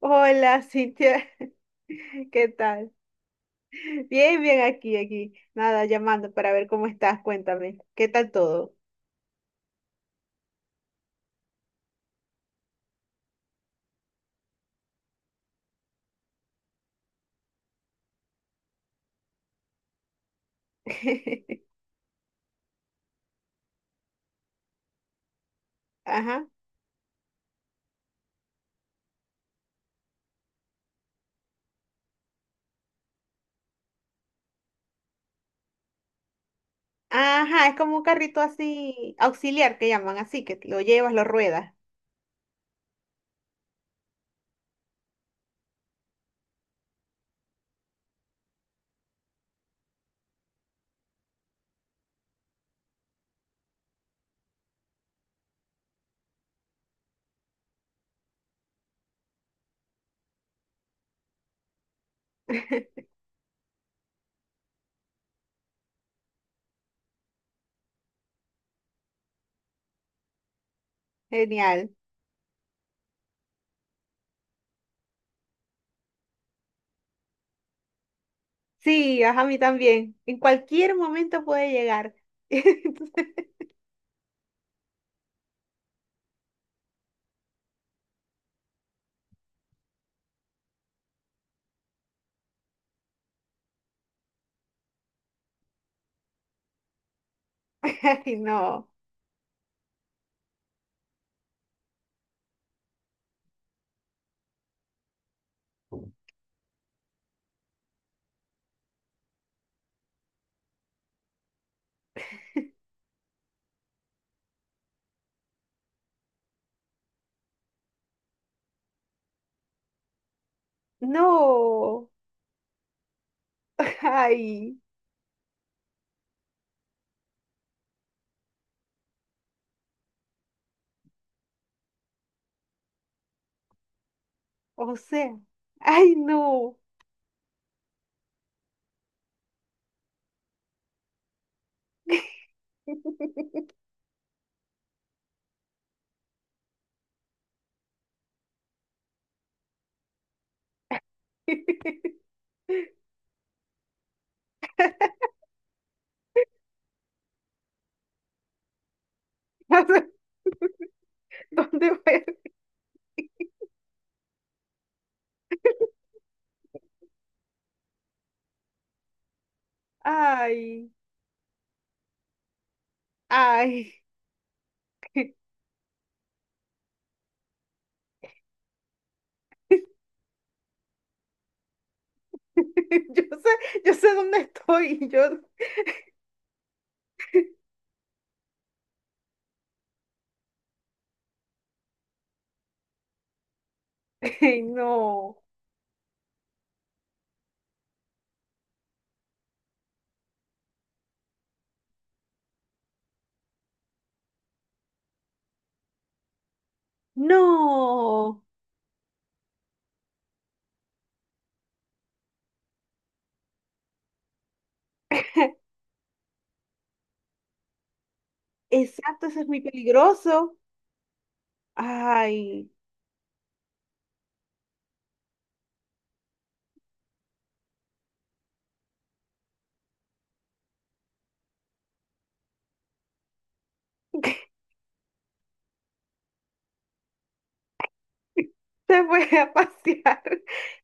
Hola, Cintia. ¿Qué tal? Bien, bien aquí. Nada, llamando para ver cómo estás. Cuéntame, ¿qué tal todo? Ajá. Ajá, es como un carrito así, auxiliar que llaman, así que lo llevas, lo ruedas. Genial. Sí, ajá, a mí también. En cualquier momento puede llegar. Entonces, Ay, no. No. Ay, o sea, ay, no. ¿Dónde voy? Ay, ay. Yo sé, yo sé dónde estoy. Ay, no, no. Exacto, eso es muy peligroso. Ay, se fue a pasear.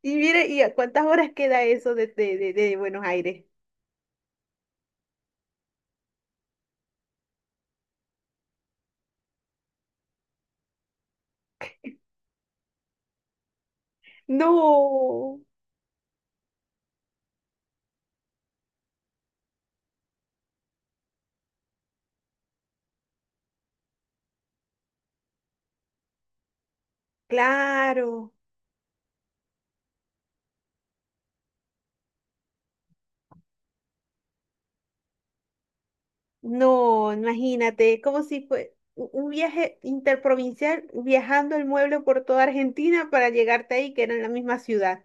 Y mire, ¿y a cuántas horas queda eso de Buenos Aires? No, claro. No, imagínate, es como si fue un viaje interprovincial viajando el mueble por toda Argentina para llegarte ahí, que era en la misma ciudad,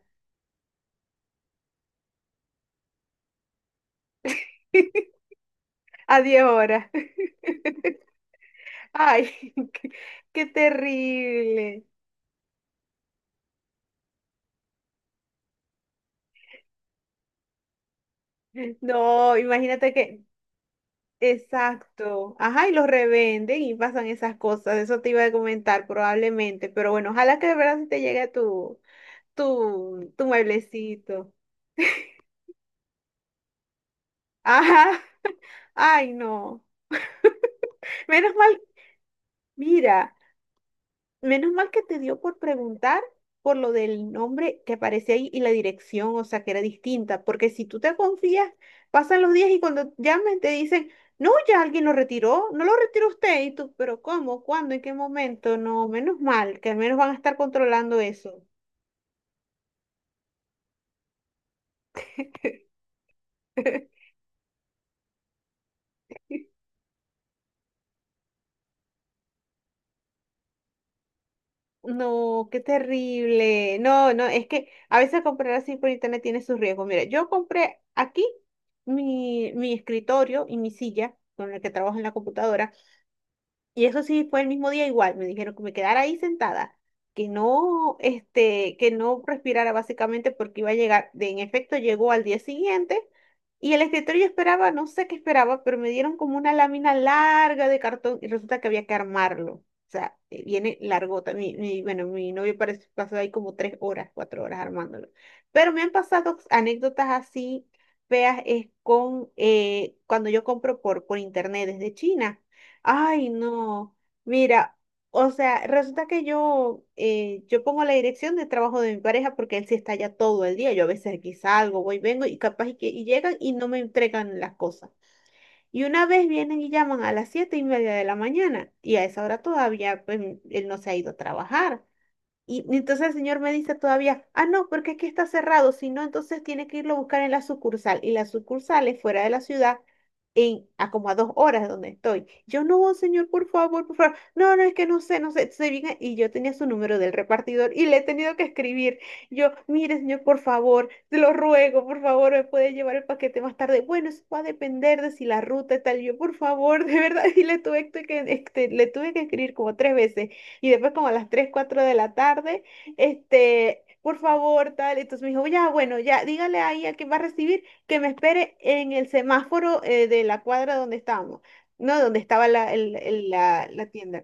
a 10 horas. Ay, qué, qué terrible. No, imagínate que, exacto. Ajá, y los revenden y pasan esas cosas. Eso te iba a comentar probablemente, pero bueno, ojalá que de verdad sí te llegue tu mueblecito. Ajá, ay, no. Menos mal, mira. Menos mal que te dio por preguntar por lo del nombre que aparece ahí y la dirección, o sea, que era distinta, porque si tú te confías, pasan los días y cuando llamen te dicen, no, ya alguien lo retiró, no lo retiró usted, y tú, pero ¿cómo? ¿Cuándo? ¿En qué momento? No, menos mal, que al menos van a estar controlando eso. No, qué terrible. No, no, es que a veces comprar así por internet tiene sus riesgos. Mira, yo compré aquí mi escritorio y mi silla con el que trabajo en la computadora. Y eso sí fue el mismo día igual, me dijeron que me quedara ahí sentada, que no, que no respirara básicamente porque iba a llegar, en efecto llegó al día siguiente y el escritorio yo esperaba, no sé qué esperaba, pero me dieron como una lámina larga de cartón y resulta que había que armarlo. O sea, viene largota. Bueno, mi novio parece, pasó ahí como tres horas, cuatro horas armándolo. Pero me han pasado anécdotas así feas es con cuando yo compro por internet desde China. Ay, no. Mira, o sea, resulta que yo pongo la dirección de trabajo de mi pareja porque él sí está allá todo el día. Yo a veces aquí salgo, voy, vengo y capaz y que y llegan y no me entregan las cosas. Y una vez vienen y llaman a las 7:30 de la mañana y a esa hora todavía pues, él no se ha ido a trabajar. Y entonces el señor me dice todavía, ah, no, porque aquí está cerrado, si no, entonces tiene que irlo a buscar en la sucursal. Y la sucursal es fuera de la ciudad, a como a dos horas de donde estoy. Yo no, señor, por favor, por favor. No, no, es que no sé, no sé. Se viene, y yo tenía su número del repartidor y le he tenido que escribir. Yo, mire, señor, por favor, te lo ruego, por favor, me puede llevar el paquete más tarde. Bueno, eso va a depender de si la ruta y tal. Yo, por favor, de verdad, y le tuve le tuve que escribir como tres veces y después como a las 3 4 de la tarde, por favor, tal. Entonces me dijo, ya, bueno, ya, dígale ahí a quien va a recibir que me espere en el semáforo de la cuadra donde estábamos, ¿no? Donde estaba la, el- la tienda.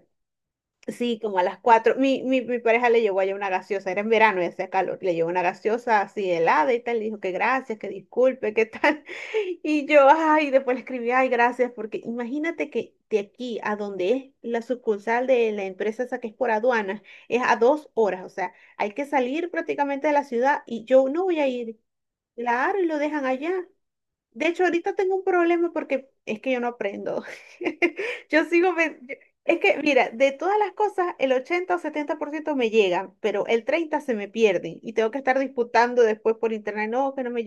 Sí, como a las cuatro. Mi pareja le llevó allá una gaseosa, era en verano y hacía calor. Le llevó una gaseosa así helada y tal. Le dijo que gracias, que disculpe, que tal. Y yo, ay, después le escribí, ay, gracias, porque imagínate que de aquí a donde es la sucursal de la empresa esa que es por aduanas, es a dos horas. O sea, hay que salir prácticamente de la ciudad y yo no voy a ir. Claro, y lo dejan allá. De hecho, ahorita tengo un problema porque es que yo no aprendo. Yo es que mira, de todas las cosas, el 80 o 70% me llegan, pero el 30 se me pierden y tengo que estar disputando después por internet, no, que no me...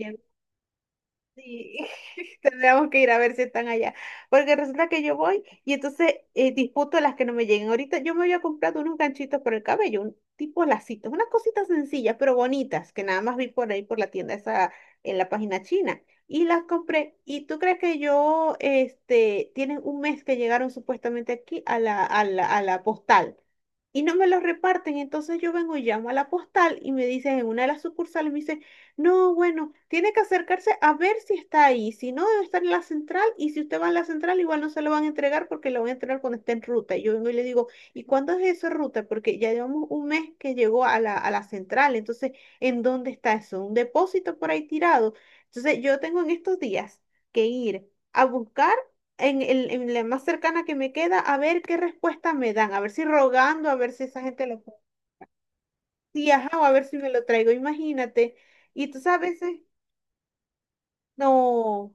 Sí, tendríamos que ir a ver si están allá. Porque resulta que yo voy y entonces disputo las que no me lleguen. Ahorita yo me había comprado unos ganchitos para el cabello, un tipo lacitos, unas cositas sencillas pero bonitas que nada más vi por ahí por la tienda esa en la página china. Y las compré. ¿Y tú crees que tienen un mes que llegaron supuestamente aquí a a la postal? Y no me los reparten. Entonces yo vengo y llamo a la postal y me dicen en una de las sucursales, me dicen, no, bueno, tiene que acercarse a ver si está ahí. Si no, debe estar en la central. Y si usted va a la central, igual no se lo van a entregar porque lo van a entregar cuando esté en ruta. Y yo vengo y le digo, ¿y cuándo es eso, ruta? Porque ya llevamos un mes que llegó a a la central. Entonces, ¿en dónde está eso? ¿Un depósito por ahí tirado? Entonces, yo tengo en estos días que ir a buscar en la más cercana que me queda a ver qué respuesta me dan. A ver si rogando, a ver si esa gente lo... Sí, ajá, o a ver si me lo traigo. Imagínate. Y tú sabes... No,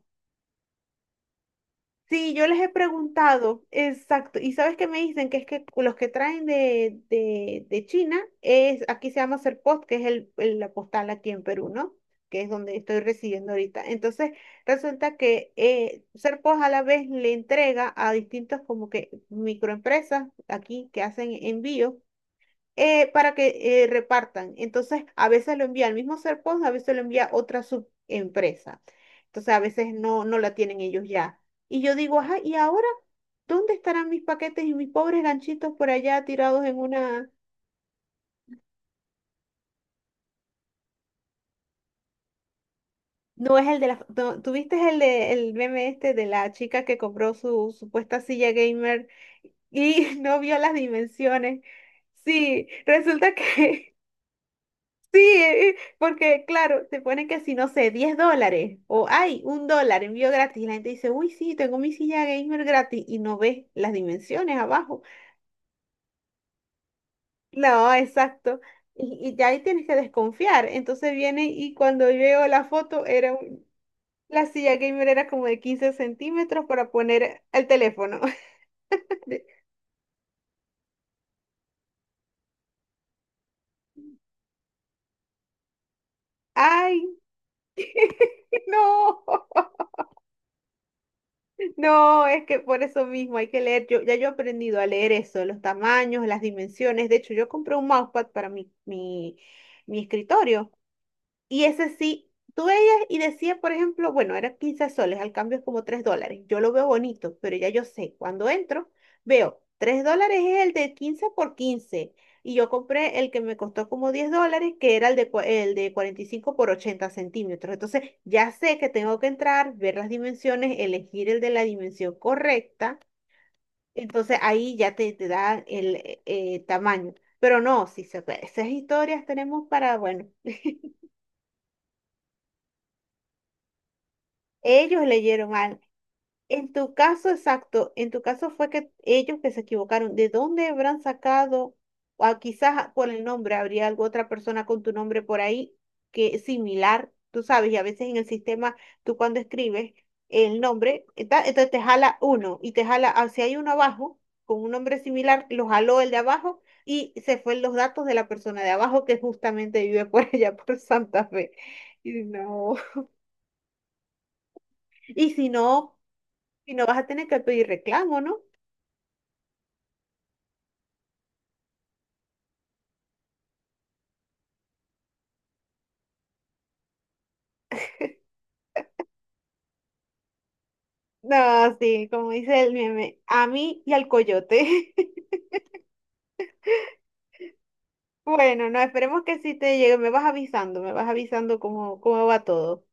sí, yo les he preguntado, exacto, y sabes que me dicen que es que los que traen de China es, aquí se llama Serpost, que es la postal aquí en Perú, ¿no? Que es donde estoy residiendo ahorita. Entonces, resulta que Serpost a la vez le entrega a distintos como que microempresas aquí que hacen envíos para que repartan. Entonces, a veces lo envía el mismo Serpons, a veces lo envía otra subempresa. Entonces, a veces no la tienen ellos ya. Y yo digo, ajá, ¿y ahora dónde estarán mis paquetes y mis pobres ganchitos por allá tirados en una... No es el de la... no, ¿tuviste el el meme este de la chica que compró su supuesta silla gamer y no vio las dimensiones? Sí, resulta que... Sí, porque claro, te ponen que si no sé, 10 dólares o hay un dólar envío gratis. Y la gente dice, uy, sí, tengo mi silla gamer gratis y no ves las dimensiones abajo. No, exacto. Y ya ahí tienes que desconfiar. Entonces viene y cuando veo la foto, la silla gamer era como de 15 cm para poner el teléfono. De... Ay, no. No, es que por eso mismo hay que leer. Yo, ya yo he aprendido a leer eso, los tamaños, las dimensiones. De hecho, yo compré un mousepad para mi escritorio. Y ese sí, tú veías y decía, por ejemplo, bueno, eran 15 soles, al cambio es como 3 dólares. Yo lo veo bonito, pero ya yo sé, cuando entro, veo 3 dólares es el de 15 por 15. Y yo compré el que me costó como 10 dólares, que era el el de 45 por 80 cm. Entonces, ya sé que tengo que entrar, ver las dimensiones, elegir el de la dimensión correcta. Entonces, ahí ya te da el tamaño. Pero no, si se, esas historias tenemos para, bueno. Ellos leyeron algo. En tu caso, exacto, en tu caso fue que ellos que se equivocaron, ¿de dónde habrán sacado? O quizás por el nombre, habría alguna otra persona con tu nombre por ahí que es similar, tú sabes, y a veces en el sistema, tú cuando escribes el nombre, está... entonces te jala uno y te jala, ah, si hay uno abajo con un nombre similar, lo jaló el de abajo y se fue los datos de la persona de abajo que justamente vive por allá, por Santa Fe. Y no, y si no, si no vas a tener que pedir reclamo, ¿no? No, sí, como dice el meme, a mí y al coyote. Bueno, no, esperemos que sí te llegue. Me vas avisando cómo, cómo va todo.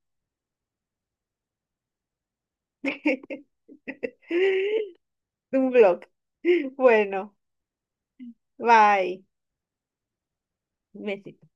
Un blog. Bueno, bye. Besitos.